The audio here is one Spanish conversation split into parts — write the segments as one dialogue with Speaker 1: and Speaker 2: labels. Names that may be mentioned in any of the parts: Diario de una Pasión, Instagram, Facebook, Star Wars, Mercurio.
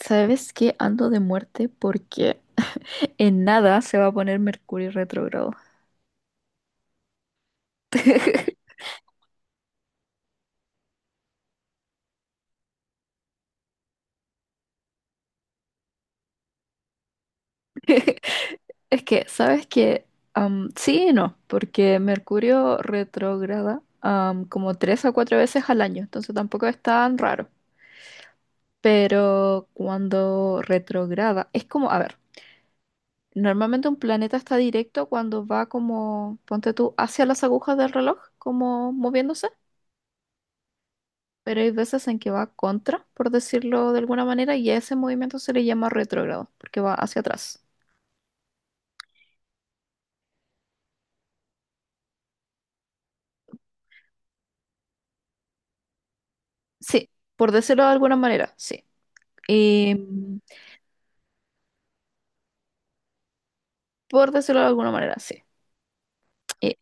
Speaker 1: ¿Sabes qué? Ando de muerte porque en nada se va a poner Mercurio retrógrado. Es que, ¿sabes qué? Sí y no, porque Mercurio retrograda como tres a cuatro veces al año, entonces tampoco es tan raro. Pero cuando retrograda, es como, a ver, normalmente un planeta está directo cuando va como, ponte tú, hacia las agujas del reloj, como moviéndose, pero hay veces en que va contra, por decirlo de alguna manera, y a ese movimiento se le llama retrógrado, porque va hacia atrás. Sí, por decirlo de alguna manera, sí. Em, por decirlo de alguna manera, sí. Eh,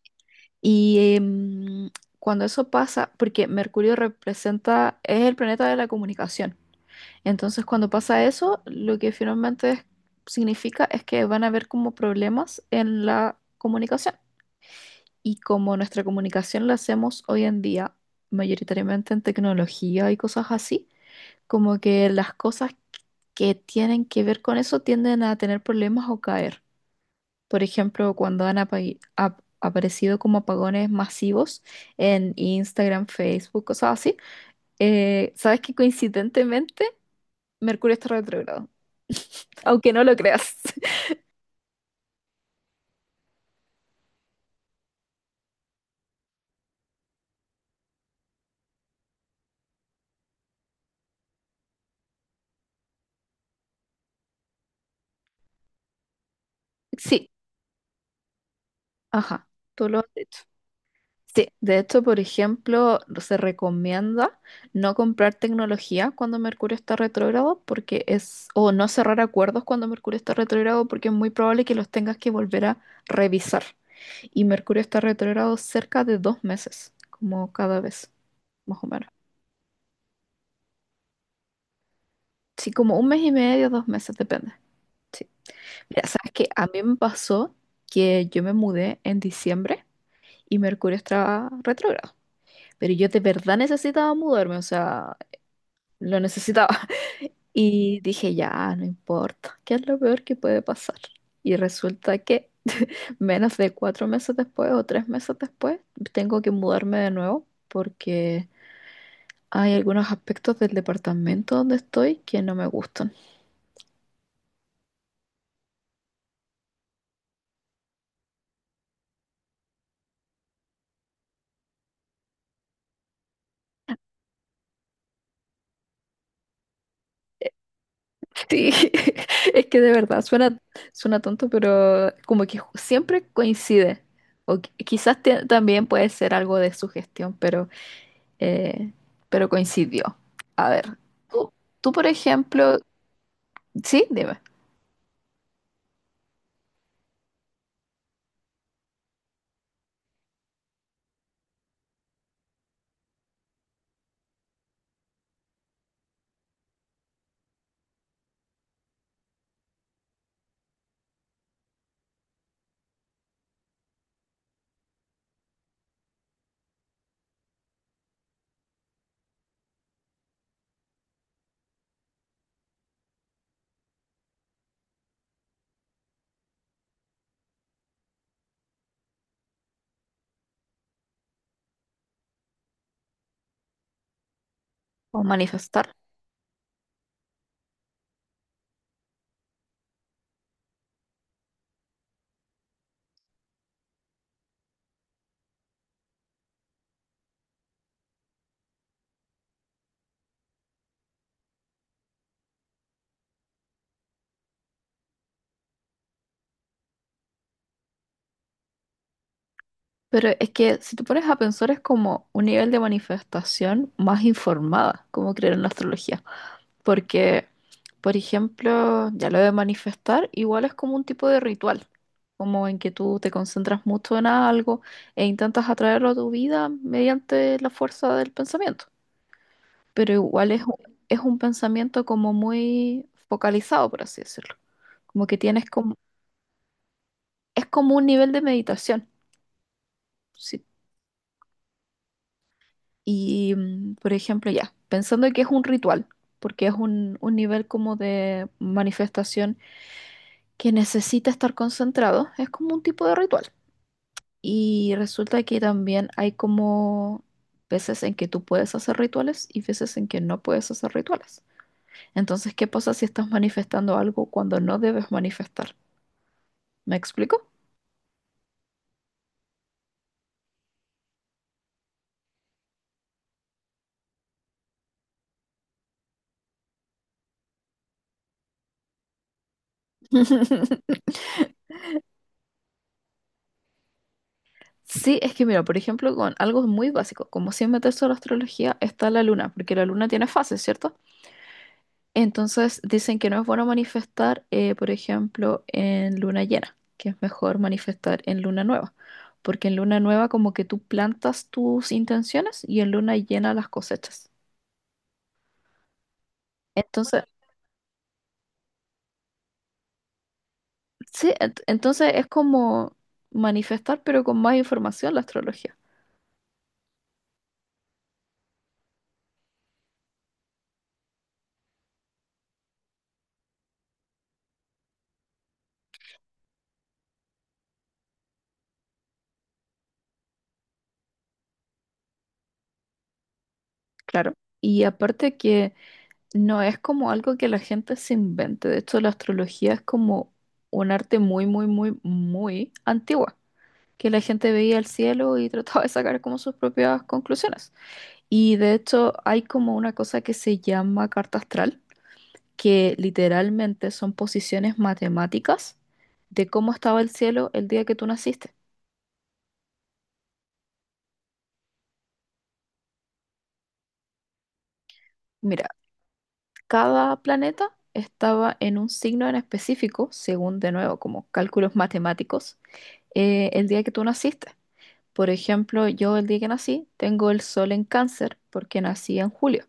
Speaker 1: y cuando eso pasa, porque Mercurio representa, es el planeta de la comunicación. Entonces, cuando pasa eso, lo que finalmente significa es que van a haber como problemas en la comunicación. Y como nuestra comunicación la hacemos hoy en día, mayoritariamente en tecnología y cosas así, como que las cosas que tienen que ver con eso tienden a tener problemas o caer. Por ejemplo, cuando han aparecido como apagones masivos en Instagram, Facebook, cosas así, sabes que coincidentemente Mercurio está retrógrado, aunque no lo creas. Sí, ajá, tú lo has dicho. Sí, de hecho, por ejemplo, se recomienda no comprar tecnología cuando Mercurio está retrógrado porque es, o no cerrar acuerdos cuando Mercurio está retrógrado porque es muy probable que los tengas que volver a revisar. Y Mercurio está retrógrado cerca de 2 meses, como cada vez, más o menos. Sí, como un mes y medio, 2 meses, depende. Sí. Mira, sabes que a mí me pasó que yo me mudé en diciembre y Mercurio estaba retrógrado. Pero yo de verdad necesitaba mudarme, o sea, lo necesitaba. Y dije, ya, no importa, ¿qué es lo peor que puede pasar? Y resulta que menos de 4 meses después o 3 meses después, tengo que mudarme de nuevo porque hay algunos aspectos del departamento donde estoy que no me gustan. Sí, es que de verdad suena, suena tonto, pero como que siempre coincide. O quizás también puede ser algo de sugestión, eh, pero coincidió. A ver, tú, tú, por ejemplo, sí, dime, o manifestar. Pero es que si tú pones a pensar es como un nivel de manifestación más informada, como creer en la astrología. Porque, por ejemplo, ya lo de manifestar igual es como un tipo de ritual, como en que tú te concentras mucho en algo e intentas atraerlo a tu vida mediante la fuerza del pensamiento. Pero igual es, es un pensamiento como muy focalizado, por así decirlo. Como que tienes como, es como un nivel de meditación. Si. Y, por ejemplo, ya, pensando que es un ritual, porque es un nivel como de manifestación que necesita estar concentrado, es como un tipo de ritual. Y resulta que también hay como veces en que tú puedes hacer rituales y veces en que no puedes hacer rituales. Entonces, ¿qué pasa si estás manifestando algo cuando no debes manifestar? ¿Me explico? Sí, es que mira, por ejemplo, con algo muy básico, como sin meterse a la astrología, está la luna, porque la luna tiene fases, ¿cierto? Entonces dicen que no es bueno manifestar, por ejemplo, en luna llena, que es mejor manifestar en luna nueva, porque en luna nueva como que tú plantas tus intenciones y en luna llena las cosechas. Entonces, sí, entonces es como manifestar, pero con más información la astrología, claro. Y aparte que no es como algo que la gente se invente, de hecho la astrología es como un arte muy, muy, muy, muy antigua, que la gente veía el cielo y trataba de sacar como sus propias conclusiones. Y de hecho hay como una cosa que se llama carta astral, que literalmente son posiciones matemáticas de cómo estaba el cielo el día que tú naciste. Mira, cada planeta estaba en un signo en específico, según de nuevo, como cálculos matemáticos, el día que tú naciste. Por ejemplo, yo el día que nací tengo el sol en cáncer porque nací en julio.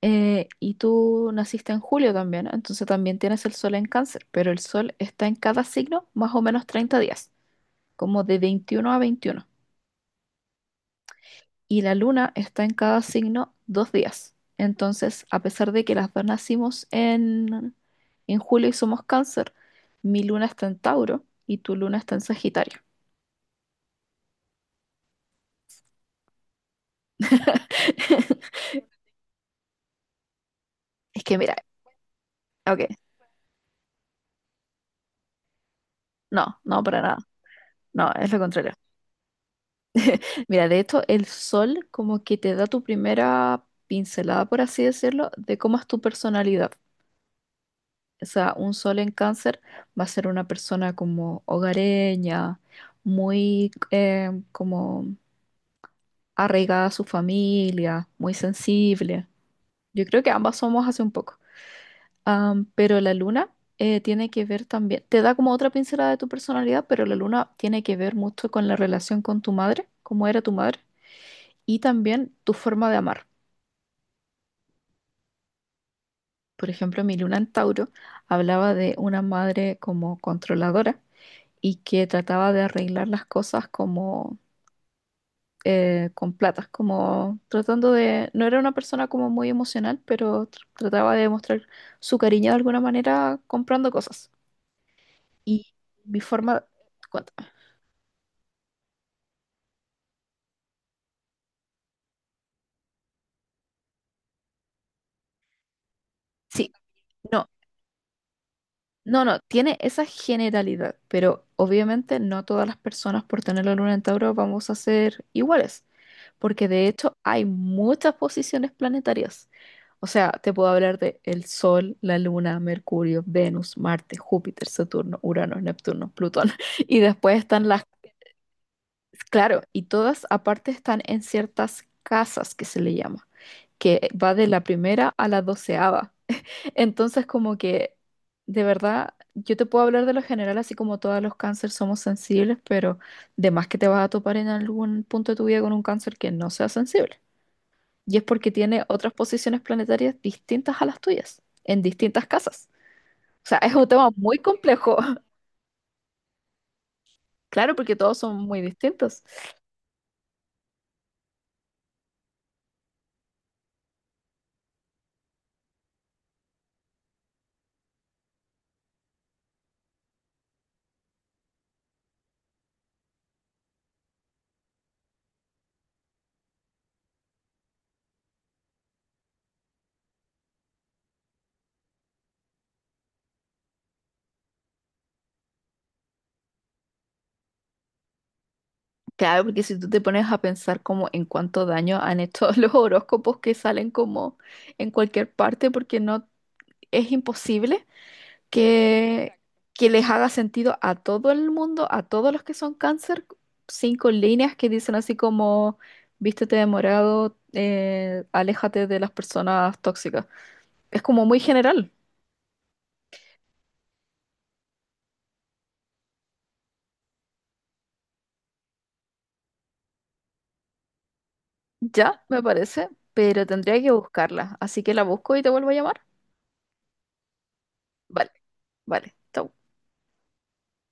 Speaker 1: Y tú naciste en julio también, ¿no? Entonces también tienes el sol en cáncer, pero el sol está en cada signo más o menos 30 días, como de 21 a 21. Y la luna está en cada signo 2 días. Entonces, a pesar de que las dos nacimos en julio y somos cáncer, mi luna está en Tauro y tu luna está en Sagitario. Es que mira, ok, no, no para nada, no, es lo contrario. Mira, de hecho, el sol como que te da tu primera pincelada, por así decirlo, de cómo es tu personalidad. O sea, un sol en cáncer va a ser una persona como hogareña, muy como arraigada a su familia, muy sensible. Yo creo que ambas somos hace un poco. Pero la luna tiene que ver también, te da como otra pincelada de tu personalidad, pero la luna tiene que ver mucho con la relación con tu madre, cómo era tu madre, y también tu forma de amar. Por ejemplo, mi luna en Tauro hablaba de una madre como controladora y que trataba de arreglar las cosas como con platas, como tratando de, no era una persona como muy emocional, pero trataba de demostrar su cariño de alguna manera comprando cosas. Y mi forma, cuéntame. Sí, no, no, no, tiene esa generalidad, pero obviamente no todas las personas por tener la luna en Tauro vamos a ser iguales, porque de hecho hay muchas posiciones planetarias. O sea, te puedo hablar de el Sol, la Luna, Mercurio, Venus, Marte, Júpiter, Saturno, Urano, Neptuno, Plutón. Y después están las, claro, y todas aparte están en ciertas casas que se le llama, que va de la primera a la doceava. Entonces, como que, de verdad, yo te puedo hablar de lo general, así como todos los cánceres somos sensibles, pero de más que te vas a topar en algún punto de tu vida con un cáncer que no sea sensible, y es porque tiene otras posiciones planetarias distintas a las tuyas, en distintas casas. O sea, es un tema muy complejo. Claro, porque todos son muy distintos. Claro, porque si tú te pones a pensar como en cuánto daño han hecho los horóscopos que salen como en cualquier parte, porque no es imposible que, les haga sentido a todo el mundo, a todos los que son cáncer, cinco líneas que dicen así como, vístete de morado, aléjate de las personas tóxicas. Es como muy general. Ya, me parece, pero tendría que buscarla. Así que la busco y te vuelvo a llamar. Vale, vale, chau.